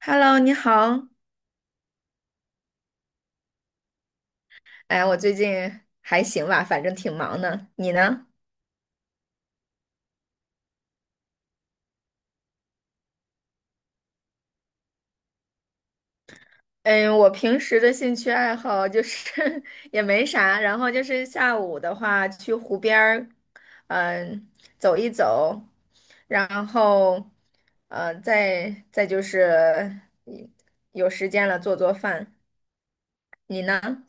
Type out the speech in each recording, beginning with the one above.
Hello，你好。哎，我最近还行吧，反正挺忙的。你呢？嗯，我平时的兴趣爱好就是 也没啥，然后就是下午的话去湖边儿，嗯，走一走，然后，再就是有时间了做做饭。你呢？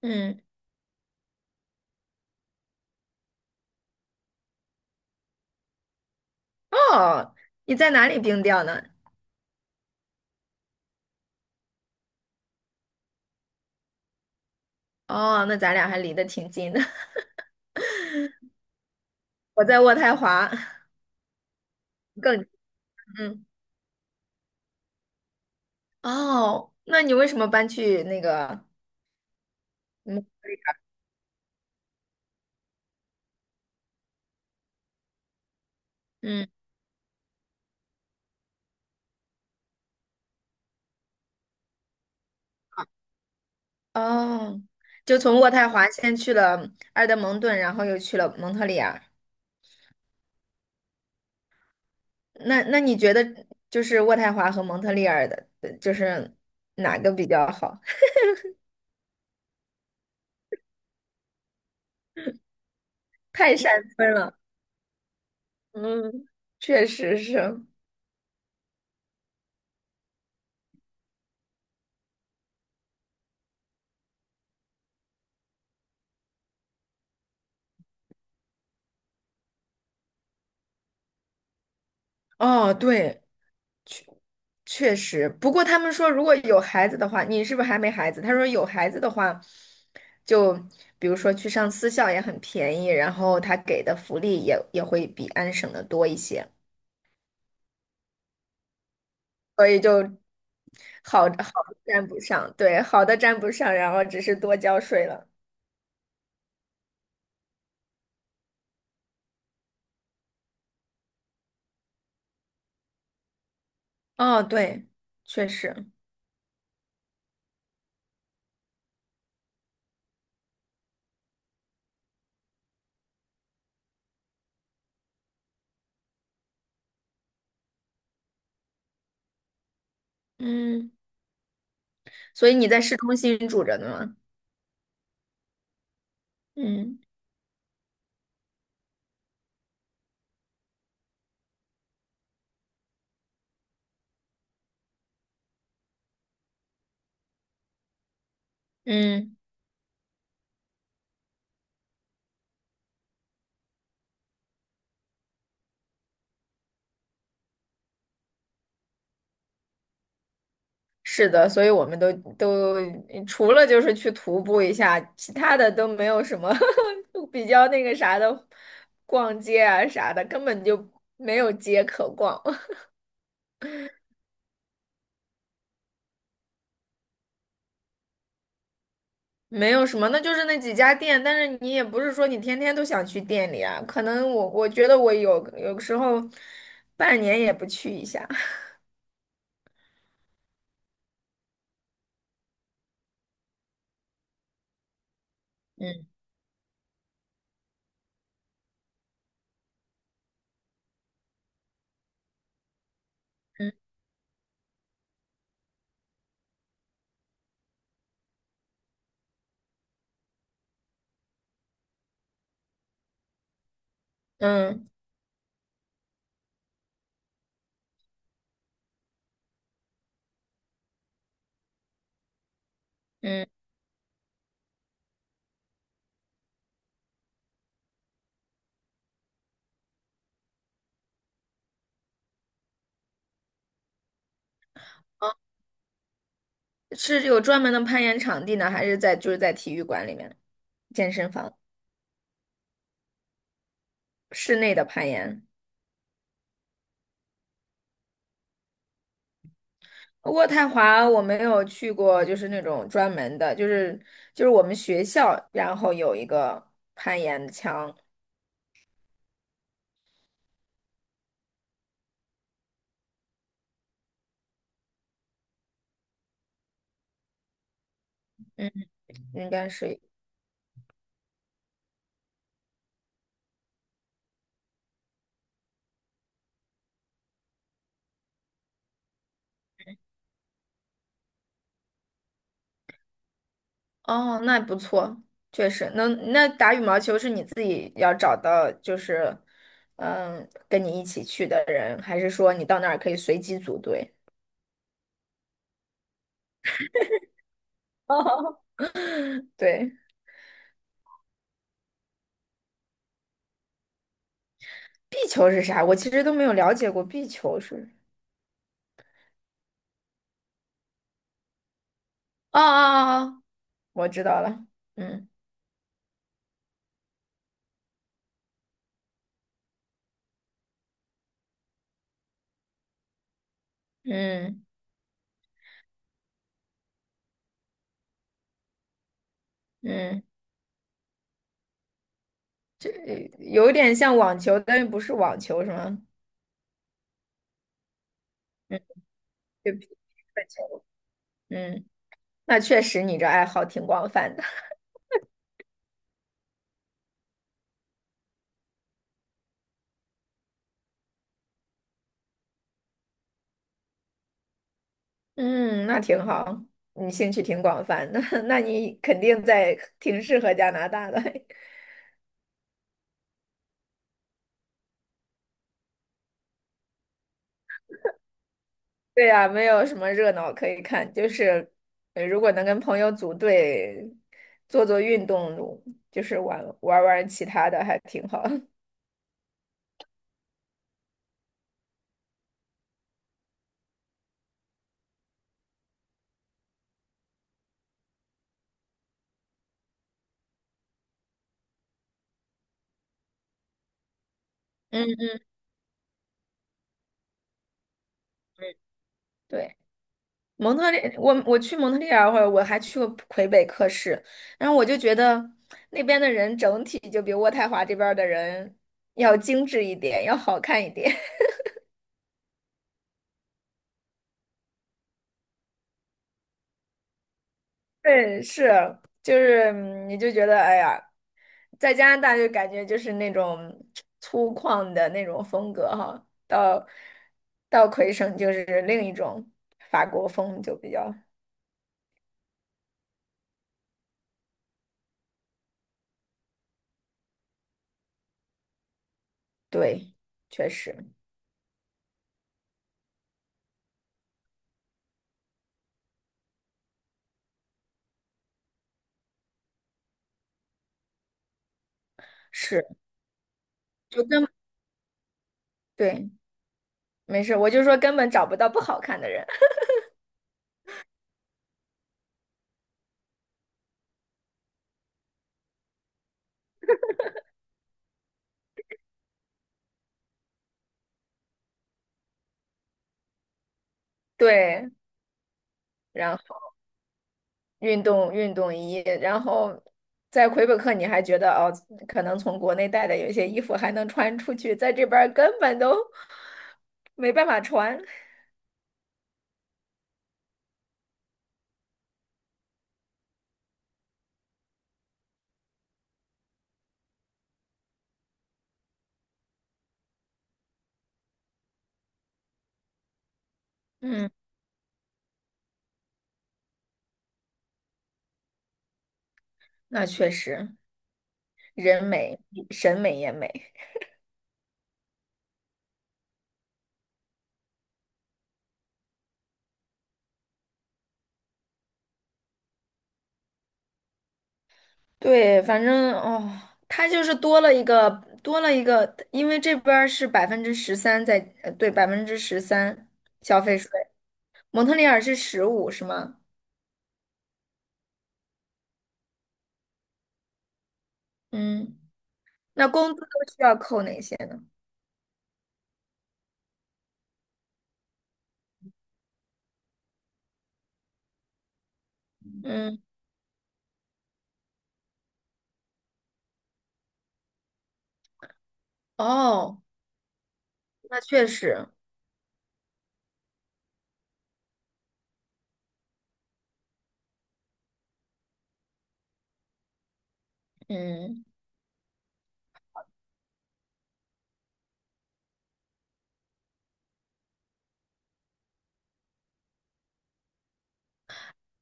嗯，哦，你在哪里冰钓呢？哦，那咱俩还离得挺近的。我在渥太华，更，嗯。哦，那你为什么搬去那个？嗯嗯，哦，就从渥太华先去了埃德蒙顿，然后又去了蒙特利尔。那你觉得就是渥太华和蒙特利尔的，就是哪个比较好？太山村了。嗯，确实是。哦，对，确实，不过他们说，如果有孩子的话，你是不是还没孩子？他说有孩子的话，就比如说去上私校也很便宜，然后他给的福利也会比安省的多一些，所以就好好的沾不上，对，好的占不上，然后只是多交税了。哦，对，确实，嗯，所以你在市中心住着呢吗？嗯嗯。是的，所以我们都除了就是去徒步一下，其他的都没有什么 比较那个啥的，逛街啊啥的，根本就没有街可逛，没有什么，那就是那几家店，但是你也不是说你天天都想去店里啊，可能我觉得我有时候半年也不去一下，嗯嗯嗯嗯，是有专门的攀岩场地呢，还是在就是在体育馆里面健身房室内的攀岩？渥太华我没有去过，就是那种专门的，就是就是我们学校，然后有一个攀岩墙，嗯，应该是，哦，那不错，确实，那打羽毛球是你自己要找到，就是嗯，跟你一起去的人，还是说你到那儿可以随机组队？对，壁球是啥？我其实都没有了解过壁球是，哦哦哦，哦我知道了，嗯嗯嗯。这有点像网球，但又不是网球，是吗？嗯，对不起，羽球。嗯，那确实你这爱好挺广泛的。嗯，那挺好，你兴趣挺广泛的，那你肯定在挺适合加拿大的。对呀，没有什么热闹可以看，就是如果能跟朋友组队做做运动，就是玩其他的，还挺好。嗯嗯，对。蒙特利，我去蒙特利尔会儿，我还去过魁北克市，然后我就觉得那边的人整体就比渥太华这边儿的人要精致一点，要好看一点。对，是，就是嗯你就觉得，哎呀，在加拿大就感觉就是那种粗犷的那种风格哈，到魁省就是另一种法国风，就比较对，确实是，就根对，没事，我就说根本找不到不好看的人。对，然后运动衣，然后在魁北克你还觉得哦，可能从国内带的有一些衣服还能穿出去，在这边儿根本都没办法穿。嗯，那确实，人美，审美也美。对，反正哦，它就是多了一个，因为这边儿是百分之十三在，呃对，百分之十三消费税，蒙特利尔是15，是吗？嗯，那工资都需要扣哪些呢？嗯，哦，那确实，嗯，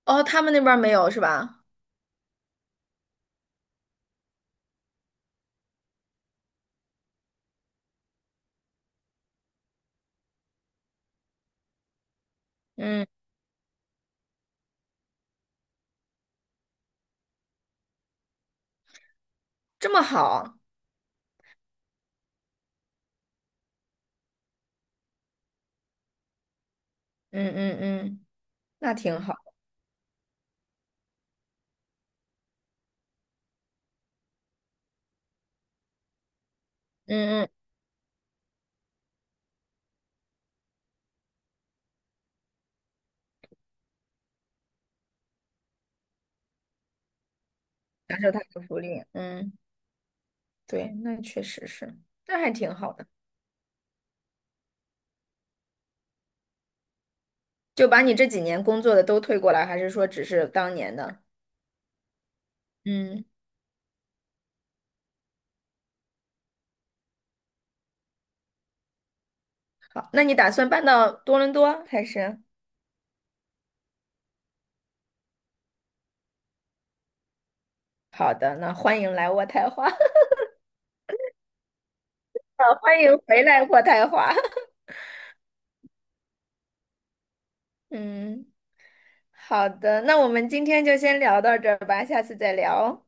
哦，他们那边儿没有是吧？嗯，这么好，嗯嗯嗯，那挺好，嗯嗯，享受他的福利，嗯，对，那确实是，那还挺好的。就把你这几年工作的都退过来，还是说只是当年的？嗯，好，那你打算搬到多伦多还是？好的，那欢迎来渥太华，欢迎回来渥太华。嗯，好的，那我们今天就先聊到这儿吧，下次再聊哦。